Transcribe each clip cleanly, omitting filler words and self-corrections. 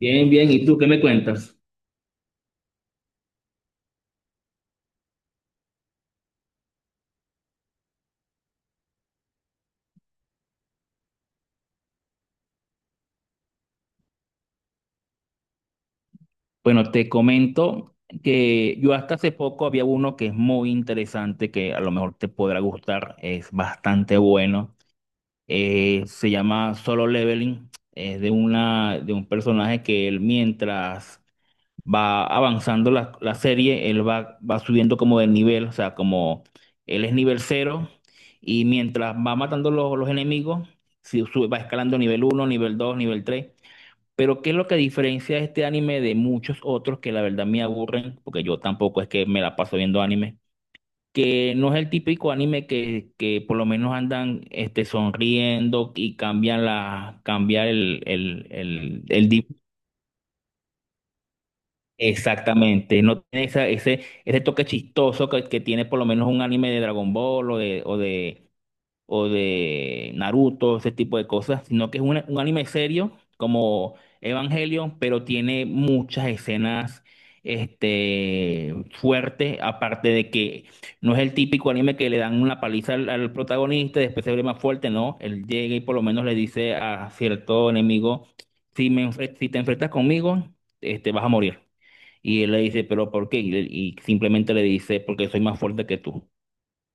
Bien, bien. ¿Y tú qué me cuentas? Bueno, te comento que yo hasta hace poco había uno que es muy interesante, que a lo mejor te podrá gustar, es bastante bueno. Se llama Solo Leveling, es de un personaje que él mientras va avanzando la serie, él va subiendo como de nivel, o sea, como él es nivel cero y mientras va matando los enemigos, si sube- va escalando nivel uno, nivel 2, nivel 3. Pero ¿qué es lo que diferencia este anime de muchos otros que la verdad me aburren? Porque yo tampoco es que me la paso viendo anime. Que no es el típico anime que por lo menos andan este, sonriendo y cambian cambiar el di- Exactamente, no tiene ese toque chistoso que tiene por lo menos un anime de Dragon Ball o de Naruto, ese tipo de cosas, sino que es un anime serio como Evangelion, pero tiene muchas escenas este, fuertes, aparte de que no es el típico anime que le dan una paliza al protagonista y después se ve más fuerte, no, él llega y por lo menos le dice a cierto enemigo, si te enfrentas conmigo, este, vas a morir. Y él le dice, pero ¿por qué? Y simplemente le dice, porque soy más fuerte que tú.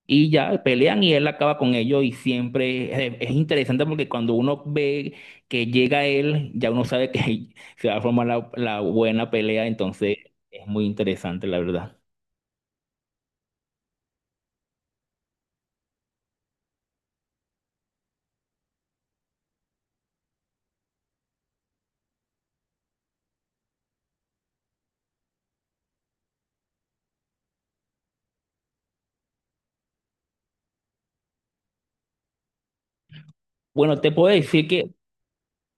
Y ya pelean y él acaba con ellos y siempre es interesante porque cuando uno ve que llega él, ya uno sabe que se va a formar la buena pelea, entonces es muy interesante, la verdad. Bueno, te puedo decir que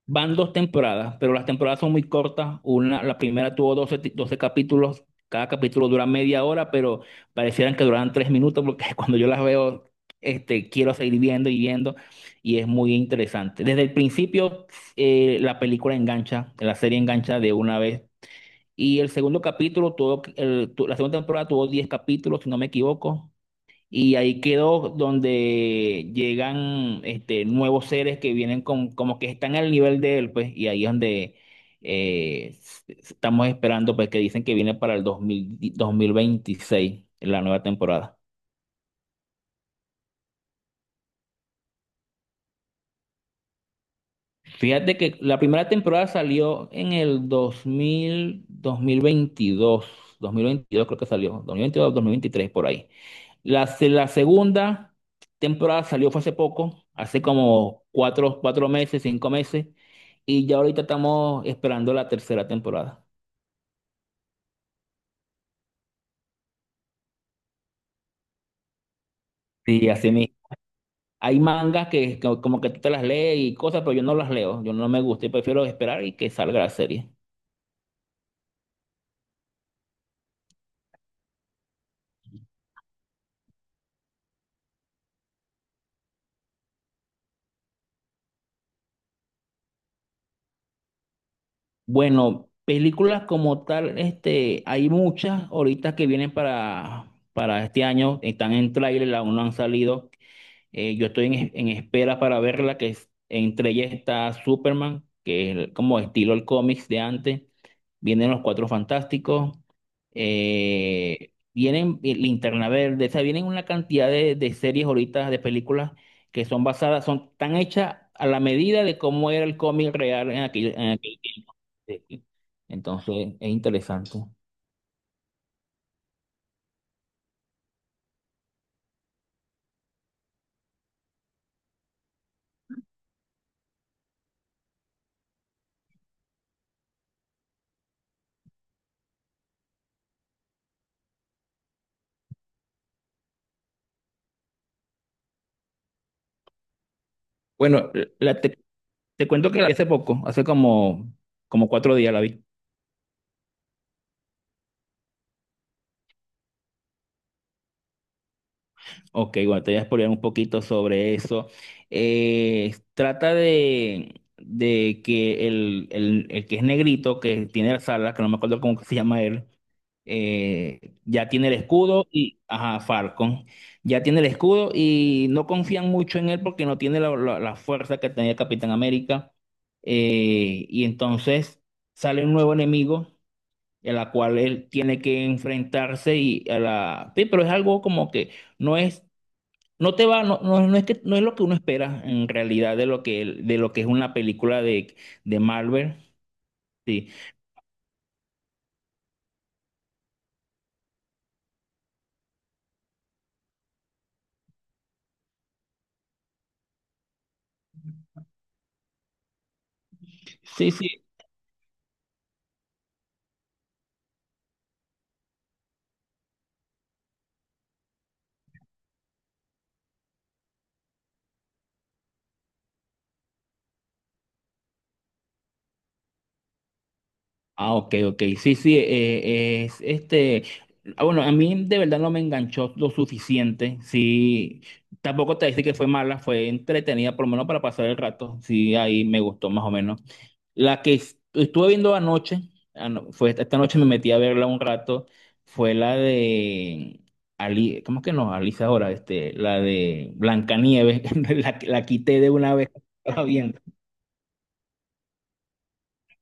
van dos temporadas, pero las temporadas son muy cortas. Una, la primera tuvo 12 capítulos. Cada capítulo dura media hora, pero parecieran que duran 3 minutos porque cuando yo las veo, este, quiero seguir viendo y viendo y es muy interesante. Desde el principio, la película engancha, la serie engancha de una vez. Y el segundo capítulo, la segunda temporada tuvo 10 capítulos, si no me equivoco. Y ahí quedó donde llegan este, nuevos seres que vienen con, como que están al nivel de él, pues, y ahí es donde estamos esperando, pues, que dicen que viene para el 2026 la nueva temporada. Fíjate que la primera temporada salió en el 2022 creo que salió, dos mil veintidós 2023 por ahí. La segunda temporada salió fue hace poco, hace como 4 meses, 5 meses, y ya ahorita estamos esperando la tercera temporada. Sí, así mismo. Hay mangas que como que tú te las lees y cosas, pero yo no las leo, yo no me gusta y prefiero esperar y que salga la serie. Bueno, películas como tal, este, hay muchas ahorita que vienen para este año, están en tráiler, aún no han salido. Yo estoy en espera para verla, entre ellas está Superman, que es como estilo el cómics de antes. Vienen los Cuatro Fantásticos. Vienen Linterna Verde. O sea, vienen una cantidad de series ahorita, de películas, que son basadas, son tan hechas a la medida de cómo era el cómic real en aquel tiempo. Sí. Entonces, es interesante. Bueno, la- te, te cuento que hace poco, hace como, como 4 días la vi. Ok, bueno, te voy a explorar un poquito sobre eso. Trata de que el que es negrito, que tiene las alas, que no me acuerdo cómo que se llama él, ya tiene el escudo y, ajá, Falcon, ya tiene el escudo y no confían mucho en él porque no tiene la fuerza que tenía Capitán América. Y entonces sale un nuevo enemigo, en la cual él tiene que enfrentarse y a la... Sí, pero es algo como que no es no te va, no, no, no es que, no es lo que uno espera en realidad de lo que es una película de Marvel. Sí, sí, sí. Ah, ok, ok. Sí, sí, es este. Bueno, a mí de verdad no me enganchó lo suficiente. Sí, tampoco te dice que fue mala, fue entretenida, por lo menos para pasar el rato. Sí, ahí me gustó más o menos. La estuve viendo anoche, fue esta noche me metí a verla un rato, fue la de Ali, ¿cómo es que no? Alicia ahora, este, la de Blancanieves, la quité de una vez.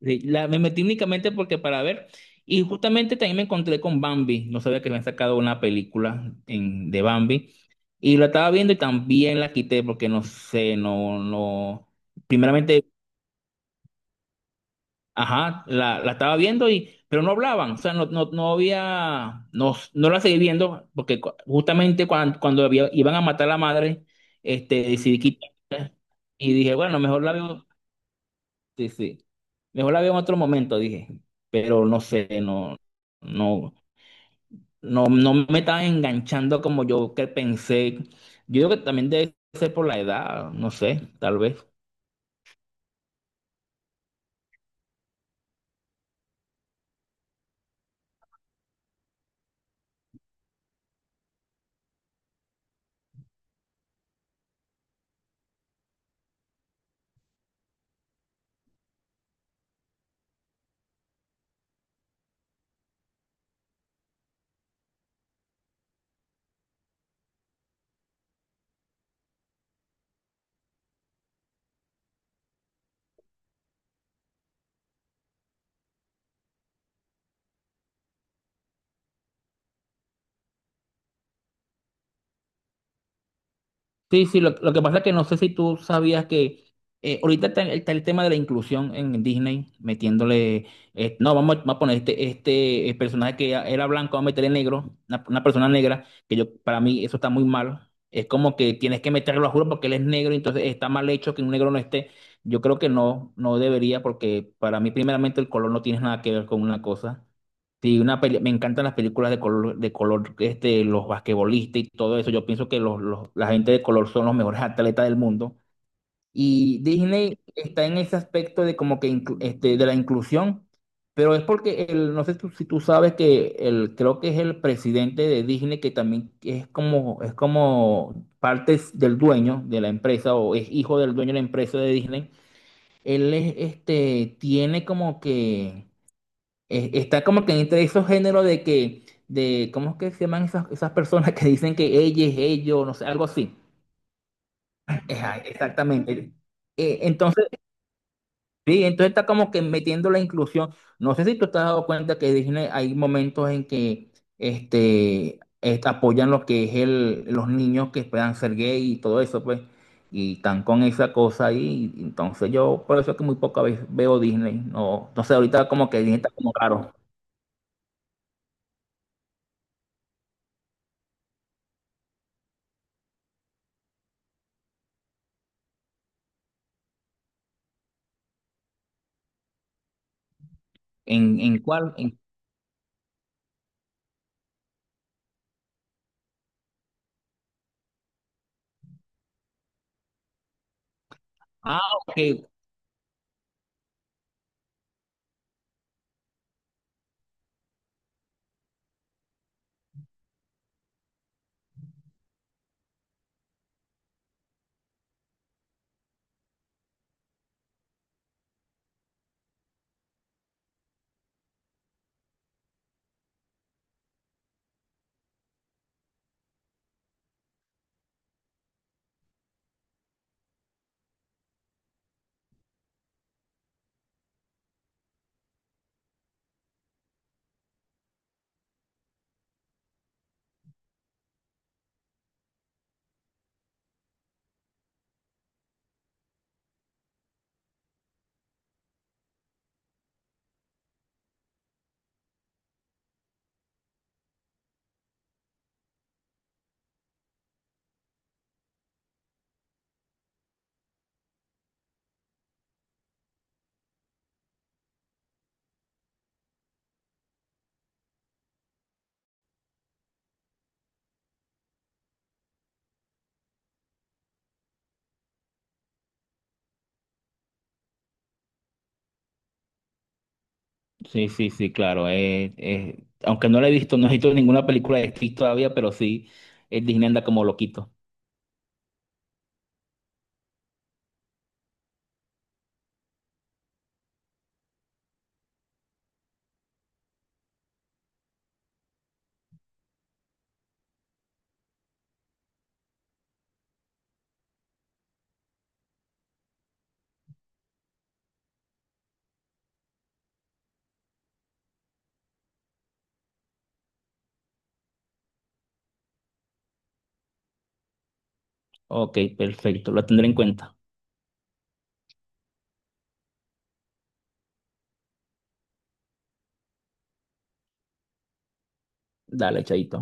Sí, me metí únicamente porque para ver, y justamente también me encontré con Bambi, no sabía que habían sacado una película en, de Bambi, y la estaba viendo y también la quité porque no sé, no, no, primeramente, ajá, la estaba viendo y, pero no hablaban, o sea, no había, no la seguí viendo porque justamente cuando iban a matar a la madre, este, decidí quitarla y dije, bueno, mejor la veo, sí, sí. Mejor la veo en otro momento, dije. Pero no sé, no, no me estaba enganchando como yo que pensé. Yo creo que también debe ser por la edad, no sé, tal vez. Sí, sí, lo que pasa es que no sé si tú sabías que ahorita está el tema de la inclusión en Disney, metiéndole, no, vamos, a vamos a poner este personaje que era blanco, vamos a meterle negro, una persona negra, que yo, para mí eso está muy mal. Es como que tienes que meterlo a juro porque él es negro, entonces está mal hecho que un negro no esté. Yo creo que no, no debería, porque para mí primeramente el color no tiene nada que ver con una cosa. Sí, me encantan las películas de color, este, los basquetbolistas y todo eso. Yo pienso que la gente de color son los mejores atletas del mundo. Y Disney está en ese aspecto de como que este, de la inclusión, pero es porque el, no sé si tú sabes que el, creo que es el presidente de Disney que también es como parte del dueño de la empresa o es hijo del dueño de la empresa de Disney. Él es, este, tiene como que está como que entre esos géneros de que, de, ¿cómo es que se llaman esas personas que dicen que ella es ellos, no sé, algo así? Ejá, exactamente. Eh, entonces, sí, entonces está como que metiendo la inclusión. No sé si tú te has dado cuenta que Disney hay momentos en que apoyan lo que es el, los niños que puedan ser gay y todo eso, pues, y están con esa cosa ahí. Entonces yo, por eso es que muy poca vez veo Disney. No, entonces ahorita como que Disney está como raro. En cuál? Ah, ok. Sí, sí, sí, claro. Aunque no la he visto, no he visto ninguna película de Stitch todavía, pero sí, Disney anda como loquito. Ok, perfecto, lo tendré en cuenta. Dale, chaito.